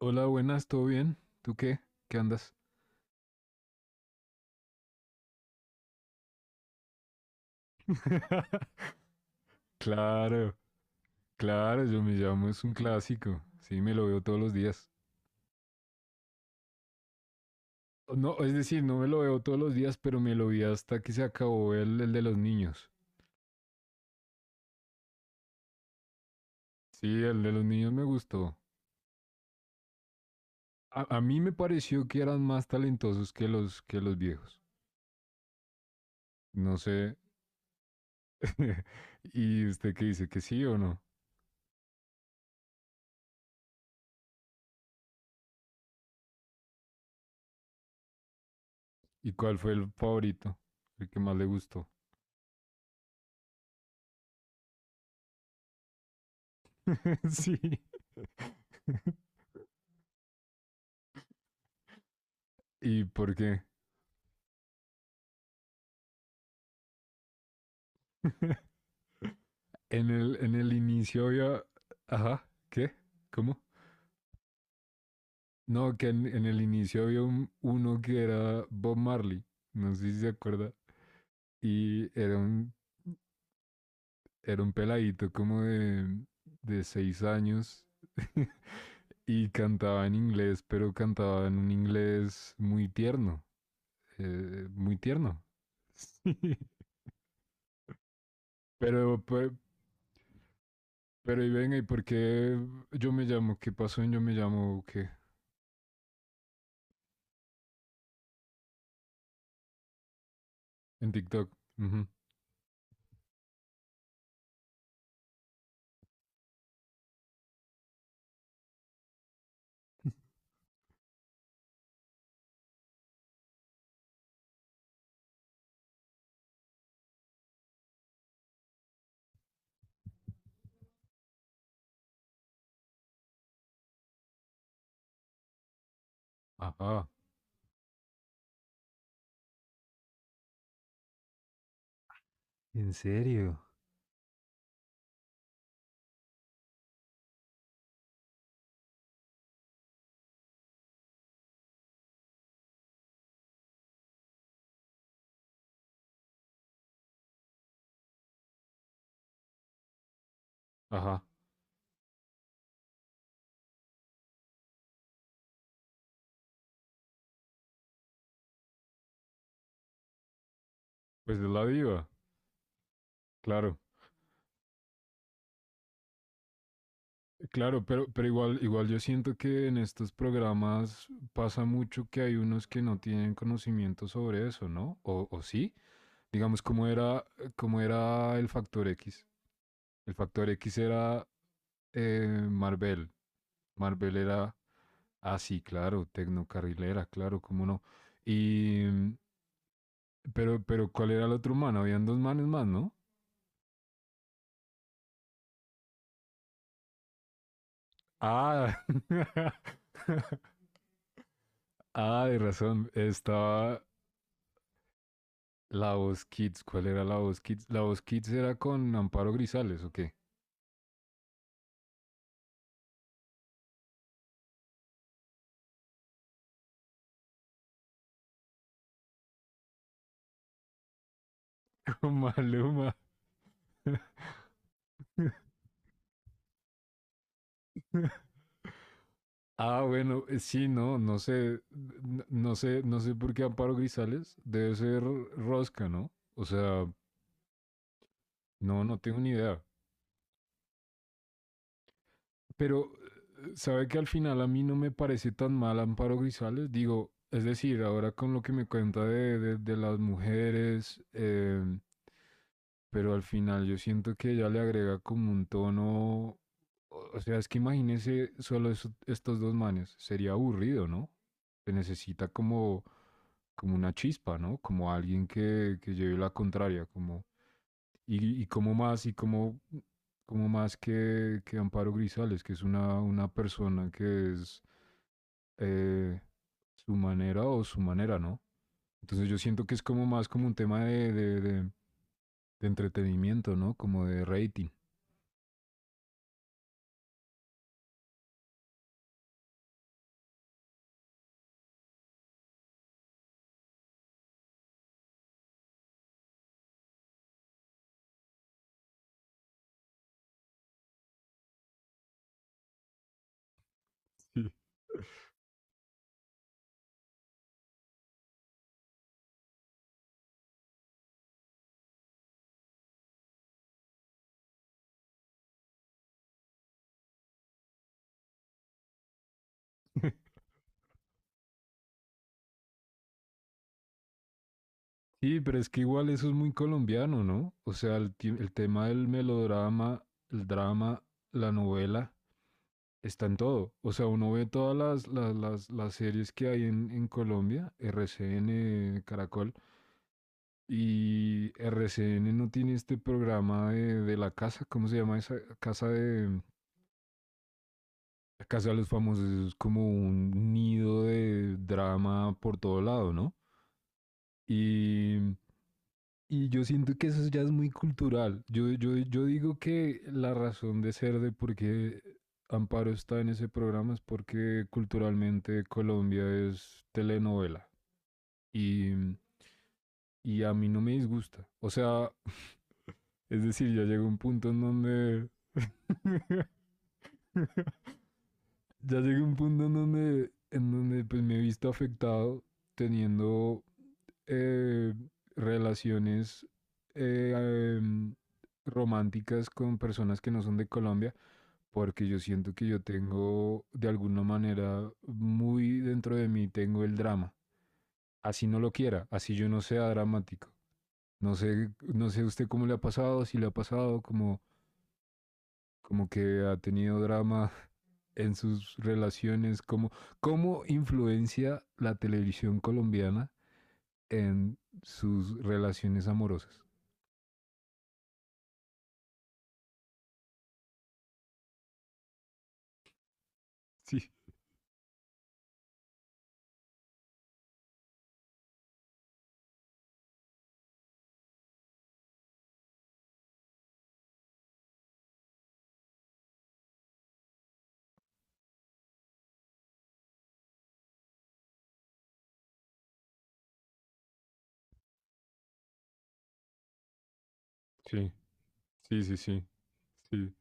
Hola, buenas, ¿todo bien? ¿Tú qué? ¿Qué andas? Claro, claro, yo me llamo, es un clásico. Sí, me lo veo todos los días. No, es decir, no me lo veo todos los días, pero me lo vi hasta que se acabó el de los niños. Sí, el de los niños me gustó. A mí me pareció que eran más talentosos que que los viejos. No sé. ¿Y usted qué dice? ¿Que sí o no? ¿Y cuál fue el favorito? El que más le gustó. Sí. ¿Y por qué? En el inicio había. Ajá, ¿qué? ¿Cómo? No, que en el inicio había uno que era Bob Marley. No sé si se acuerda. Y era un peladito como de 6 años. Y cantaba en inglés, pero cantaba en un inglés muy tierno. Muy tierno. pero, pero, pero, y venga, ¿y por qué yo me llamo? ¿Qué pasó en yo me llamo? ¿Qué? En TikTok. Uh -huh. Ajá. ¿En serio? Ajá, pues de la diva, claro. Claro, pero igual yo siento que en estos programas pasa mucho que hay unos que no tienen conocimiento sobre eso, ¿no? O sí, digamos, ¿cómo era el Factor X? El Factor X era Marvel. Marvel era, ah, sí, claro, tecnocarrilera, claro, cómo no. Y, pero, ¿cuál era el otro man? Habían dos manes más, ¿no? Ah, ah, de razón. Estaba la voz Kids. ¿Cuál era la voz Kids? La voz Kids era con Amparo Grisales, ¿o qué? Con Maluma. Ah, bueno, sí, no, no sé, n- no sé, no sé por qué Amparo Grisales debe ser Rosca, ¿no? O sea, no, no tengo ni idea. Pero, ¿sabe que al final a mí no me parece tan mal Amparo Grisales? Digo, es decir, ahora con lo que me cuenta de las mujeres, pero al final yo siento que ella le agrega como un tono, o sea, es que imagínese solo estos dos manes, sería aburrido, ¿no? Se necesita como una chispa, ¿no? Como alguien que lleve la contraria, como, y como más, y como, como más que Amparo Grisales, que es una persona que es eh, su manera o su manera, ¿no? Entonces yo siento que es como más como un tema de entretenimiento, ¿no? Como de rating. Sí. Sí, pero es que igual eso es muy colombiano, ¿no? O sea, el tema del melodrama, el drama, la novela, está en todo. O sea, uno ve todas las series que hay en Colombia, RCN, Caracol, y RCN no tiene este programa de la casa, ¿cómo se llama esa casa de... La casa de los famosos? Es como un nido de drama por todo lado, ¿no? Y Y yo siento que eso ya es muy cultural. Yo digo que la razón de ser de por qué Amparo está en ese programa es porque culturalmente Colombia es telenovela y, y a mí no me disgusta. O sea, es decir, ya llegué un punto en donde pues me he visto afectado teniendo eh, relaciones eh, em, románticas con personas que no son de Colombia, porque yo siento que yo tengo, de alguna manera, muy dentro de mí, tengo el drama. Así no lo quiera, así yo no sea dramático. No sé usted cómo le ha pasado, si le ha pasado, como, que ha tenido drama en sus relaciones, cómo influencia la televisión colombiana en sus relaciones amorosas. Sí, sí, sí, sí, sí. Sí.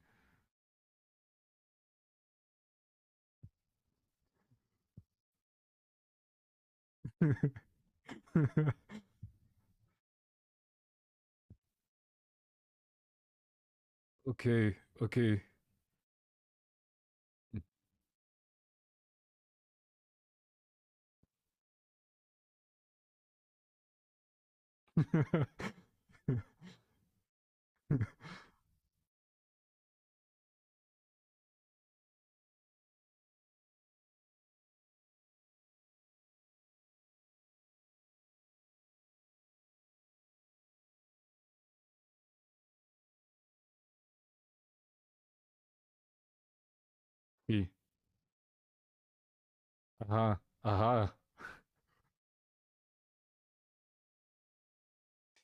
Ok, ok. Sí, ajá, ajá.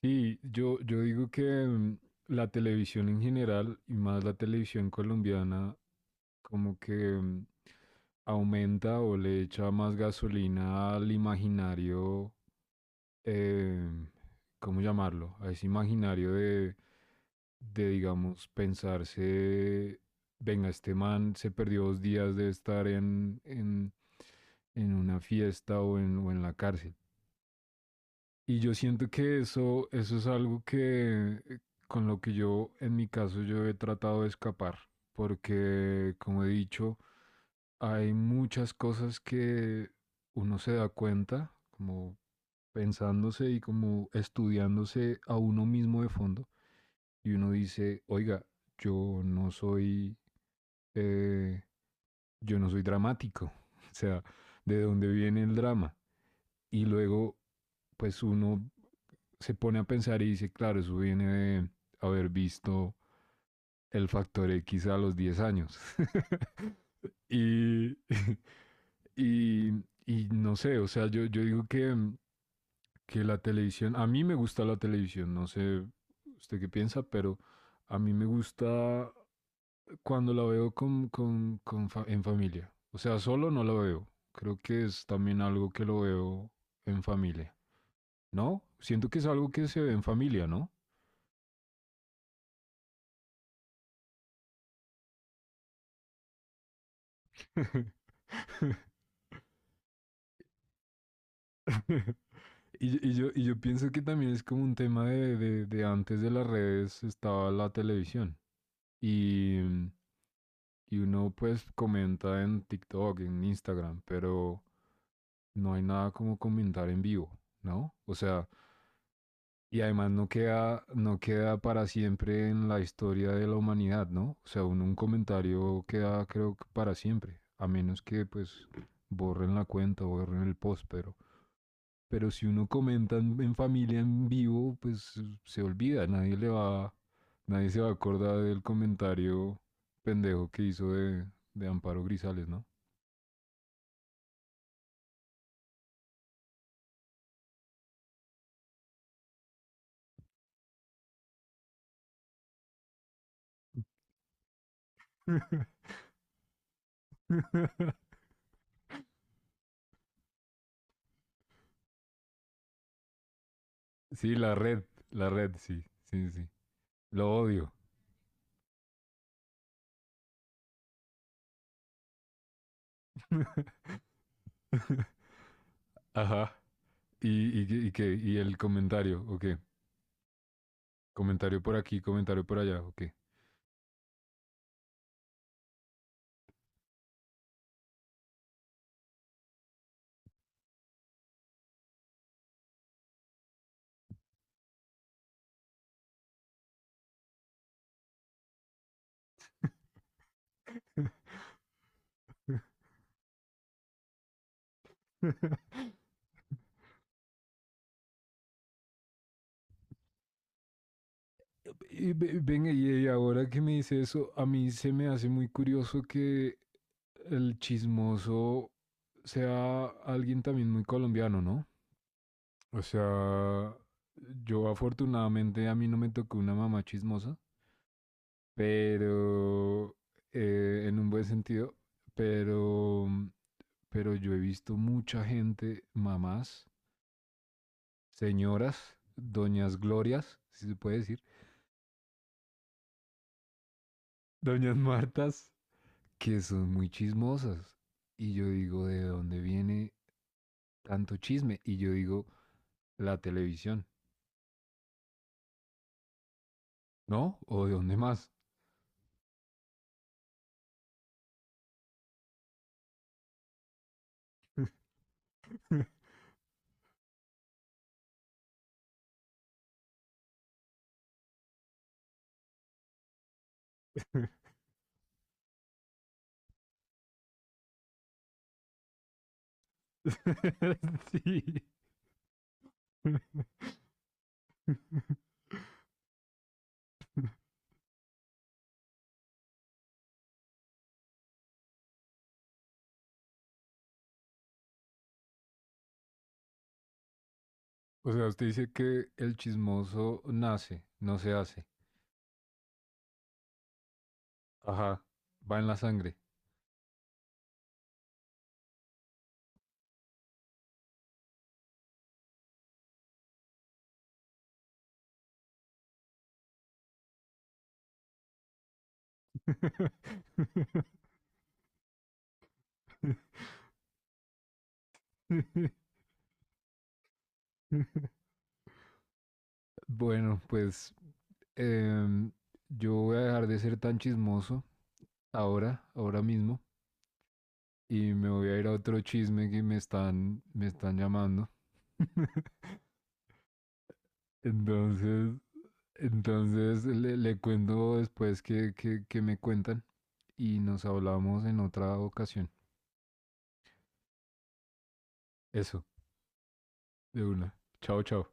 Sí, yo digo que, la televisión en general y más la televisión colombiana, como que aumenta o le echa más gasolina al imaginario. eh, ¿Cómo llamarlo? A ese imaginario de, digamos, pensarse, venga, este man se perdió 2 días de estar en una fiesta o en la cárcel. Y yo siento que eso es algo que, con lo que yo, en mi caso, yo he tratado de escapar, porque como he dicho, hay muchas cosas que uno se da cuenta, como pensándose y como estudiándose a uno mismo de fondo, y uno dice, oiga, yo no soy, eh, yo no soy dramático, o sea, ¿de dónde viene el drama? Y luego, pues uno se pone a pensar y dice, claro, eso viene de haber visto el factor X a los 10 años. y, y, y, no sé, o sea, yo digo que, la televisión, a mí me gusta la televisión, no sé usted qué piensa, pero a mí me gusta cuando la veo con fa en familia. O sea, solo no la veo. Creo que es también algo que lo veo en familia. ¿No? Siento que es algo que se ve en familia, ¿no? Y yo pienso que también es como un tema de antes de las redes estaba la televisión, y, y uno pues comenta en TikTok, en Instagram, pero no hay nada como comentar en vivo, ¿no? O sea, y además no queda para siempre en la historia de la humanidad, ¿no? O sea, un comentario queda, creo, que para siempre, a menos que pues borren la cuenta o borren el post, pero... Pero si uno comenta en familia, en vivo, pues se olvida, nadie se va a acordar del comentario pendejo que hizo de Amparo Grisales, ¿no? Sí, la red, sí, sí, sí. Lo odio. Ajá. ¿Y qué? ¿Y el comentario? ¿O qué? Comentario por aquí, comentario por allá, ¿o qué? Venga, y ahora que me dice eso, a mí se me hace muy curioso que el chismoso sea alguien también muy colombiano, ¿no? O sea, yo, afortunadamente, a mí no me tocó una mamá chismosa, pero en un buen sentido, pero, yo he visto mucha gente, mamás, señoras, doñas Glorias, si se puede decir, doñas Martas, que son muy chismosas. Y yo digo, ¿de dónde viene tanto chisme? Y yo digo, la televisión, ¿no? ¿O de dónde más? Sí. O sea, usted dice que el chismoso nace, no se hace. Ajá, va en la sangre. Bueno, pues eh, yo voy a dejar de ser tan chismoso ahora, ahora mismo. Y me voy a ir a otro chisme, que me están llamando. Entonces, entonces le cuento después que me cuentan, y nos hablamos en otra ocasión. Eso, de una. Chao, chao.